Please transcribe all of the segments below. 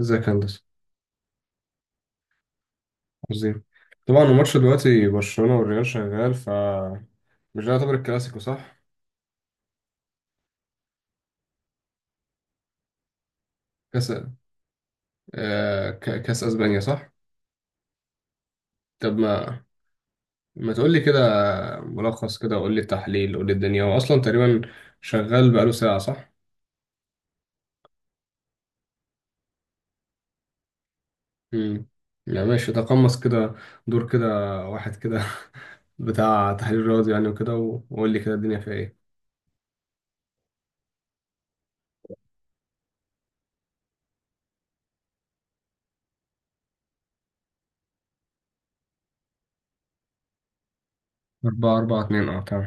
ازيك يا هندسة؟ عظيم. طبعا الماتش دلوقتي برشلونة والريال شغال، مش ده يعتبر الكلاسيكو صح؟ كاس. كاس اسبانيا صح؟ طب ما ما تقول لي كده. ملخص كده، قول لي التحليل، قول لي الدنيا، هو اصلا تقريبا شغال بقاله ساعة صح؟ امم يعني ماشي، تقمص كده دور كده واحد كده، بتاع تحليل رياضي يعني، وقول لي كده الدنيا فيها ايه؟ 4 4 2، اه، تمام.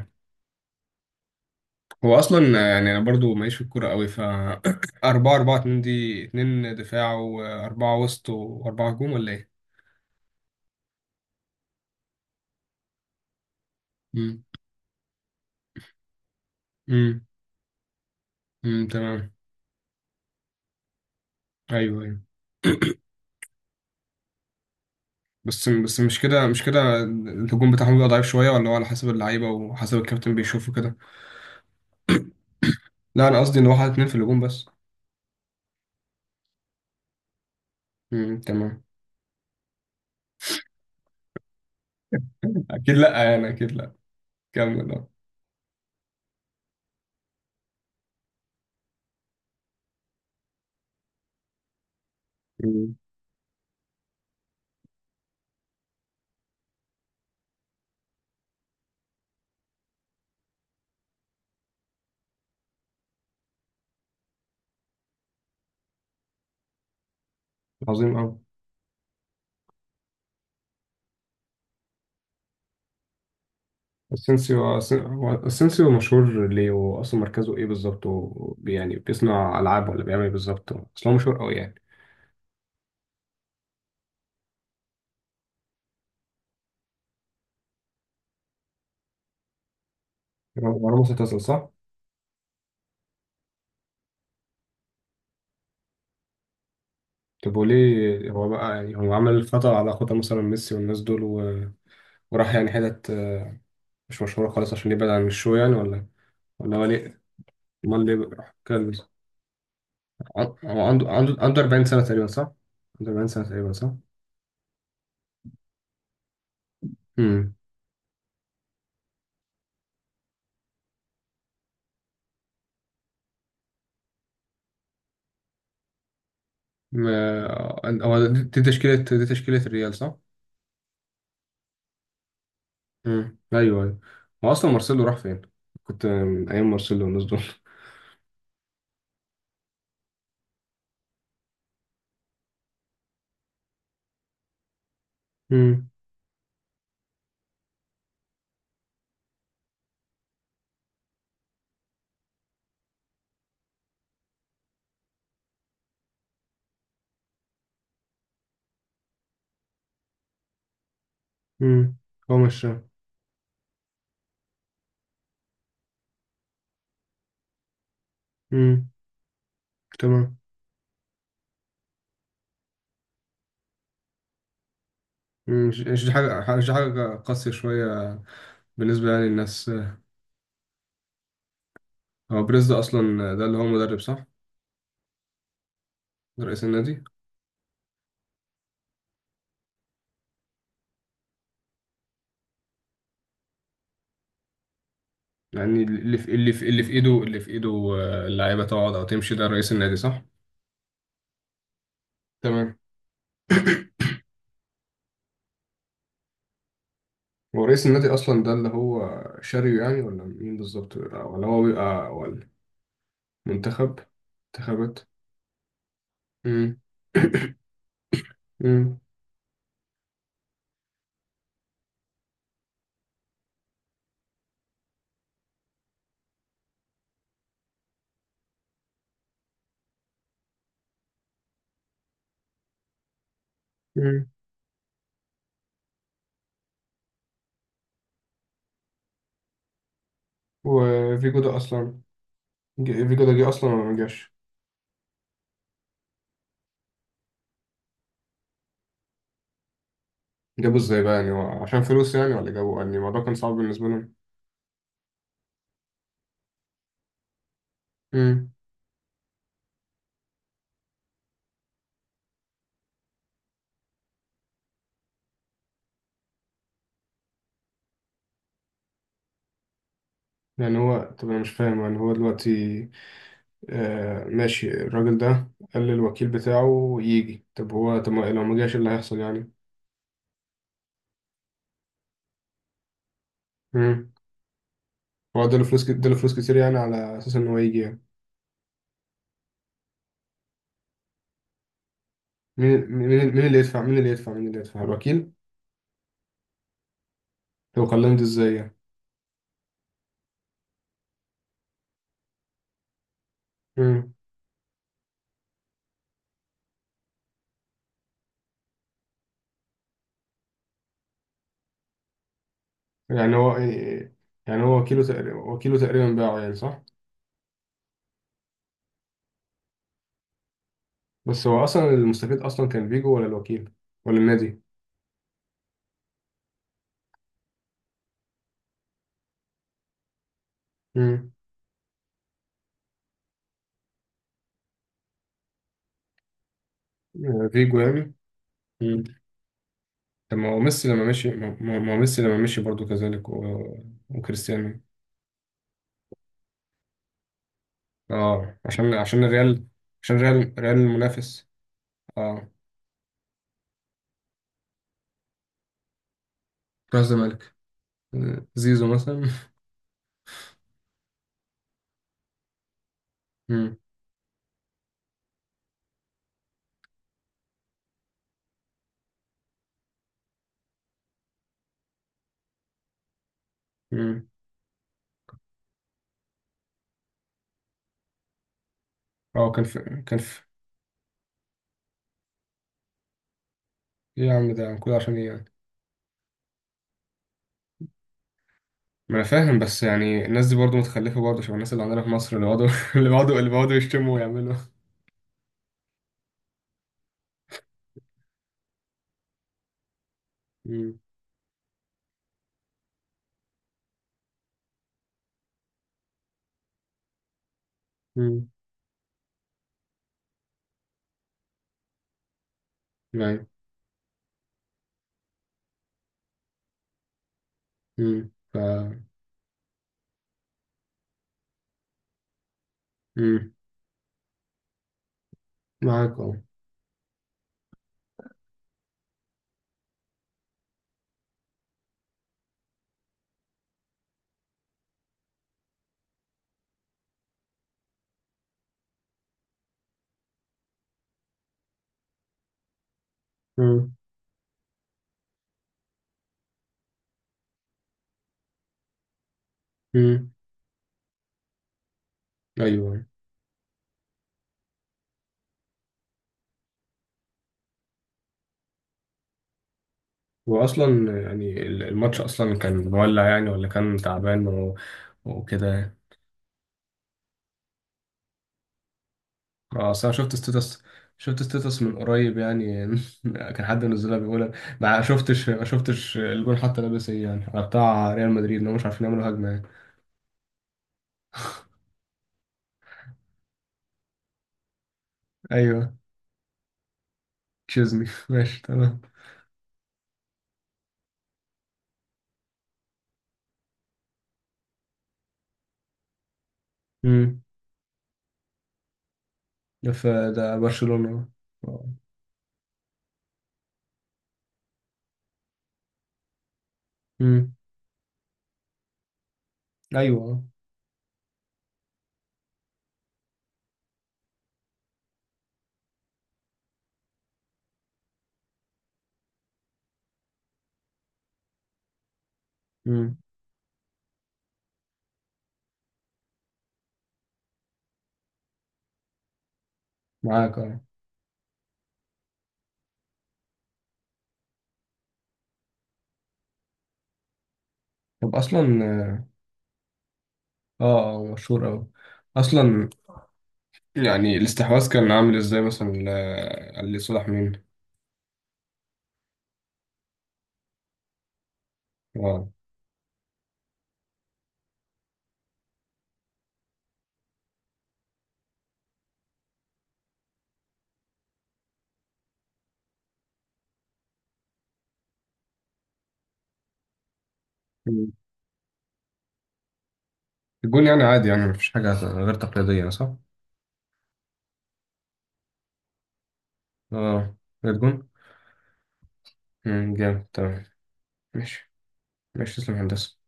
هو اصلا يعني انا برضو ماليش في الكوره قوي، 4 4 2، دي 2 دفاع واربعه وسط واربعه هجوم، ولا ايه؟ امم، امم، امم، تمام. ايوه، ايوه. بس مش كده، مش كده، الهجوم بتاعهم بيبقى ضعيف شويه، ولا هو على حسب اللعيبه وحسب الكابتن بيشوفه كده؟ لا، انا قصدي ان هو حاطط اتنين في الهجوم بس. امم، تمام. اكيد لا، يعني اكيد لا. كمل، اه. أمم. عظيم قوي. اسينسيو. هو اسينسيو مشهور ليه، واصلا مركزه ايه بالظبط يعني بيصنع العاب ولا بيعمل ايه بالظبط؟ اصلا هو مشهور قوي يعني. هو راموس اعتزل صح؟ طب وليه هو بقى، يعني هو عمل خطأ على خطأ مثلا ميسي والناس دول و... وراح يعني حتت مش مشهورة خالص عشان يبعد عن الشو يعني، ولا؟ ولا هو ليه؟ امال ليه بقى؟ هو عنده 40 سنة تقريبا صح؟ عنده 40 سنة تقريبا صح؟ امم هو دي تشكيلة الريال صح؟ امم، ايوه، ايوه. هو اصلا مارسيلو راح فين؟ كنت من ايام مارسيلو والناس دول. امم امم هو مش امم، تمام. مم. مش مش دي حاجه مش دي حاجه قاسيه شويه؟ بالنسبه يعني للناس. هو بريز ده اصلا، ده اللي هو مدرب صح؟ ده رئيس النادي. يعني اللي في ايده، اللعيبه تقعد او تمشي، ده رئيس النادي صح؟ تمام. هو رئيس النادي اصلا ده اللي هو شاريو يعني، ولا مين بالظبط، ولا هو بيبقى ولا منتخب؟ انتخابات. امم. مم. مم. وفيجو ده اصلا، فيجو ده جه اصلا ولا ما جاش؟ جابه ازاي بقى يعني، هو عشان فلوس يعني، ولا جابه يعني، الموضوع كان صعب بالنسبه لهم؟ امم يعني هو، طب انا مش فاهم يعني هو دلوقتي، ماشي، الراجل ده قال للوكيل بتاعه يجي، طب هو، طب ما- لو ما جاش إيه اللي هيحصل يعني؟ امم هو اداله فلوس كتير يعني، على اساس ان هو يجي يعني؟ مين مين مين اللي يدفع، الوكيل؟ طب كلمت ازاي يعني؟ امم يعني هو يعني هو وكيله تقريبا باعه يعني صح؟ بس هو اصلا المستفيد اصلا كان فيجو ولا الوكيل ولا النادي؟ امم فيجو يعني. امم طب ما هو ميسي لما مشي ما هو ميسي لما مشي برضو كذلك و... وكريستيانو. اه، عشان الريال، عشان ريال المنافس. اه. راح الزمالك، زيزو مثلا. امم، امم. اه، كان في. ايه يا عم، ده كل عشان ايه يعني؟ ما انا فاهم، بس يعني الناس دي برضو متخلفه، برضو شبه الناس اللي عندنا في مصر اللي بيقعدوا اللي بيقعدوا يشتموا ويعملوا. امم، امم، يعني، امم، امم. معاك اه. مم. مم. ايوه. واصلا يعني الماتش اصلا كان مولع يعني، ولا كان تعبان و... وكده يعني؟ اه، اصل انا شفت ستيتس، شفت ستيتس من قريب يعني. كان حد منزلها بيقول. ما شفتش الجون حتى لابس ايه، يعني على بتاع ريال مدريد انهم مش عارفين يعملوا هجمه يعني؟ ايوه. تشيزني. ماشي، تمام. امم. ده في ده برشلونه؟ امم. ايوه. امم. معاك اه. طب اصلا. اه. مشهور أوي أصلا. يعني الاستحواذ كان عامل ازاي مثلا؟ لصالح مين؟ اه. مم. الجون يعني عادي، يعني مفيش حاجة غير تقليدية صح؟ اه. الجون؟ مم، جامد، تمام. ماشي. ماشي، تسلم يا هندسة.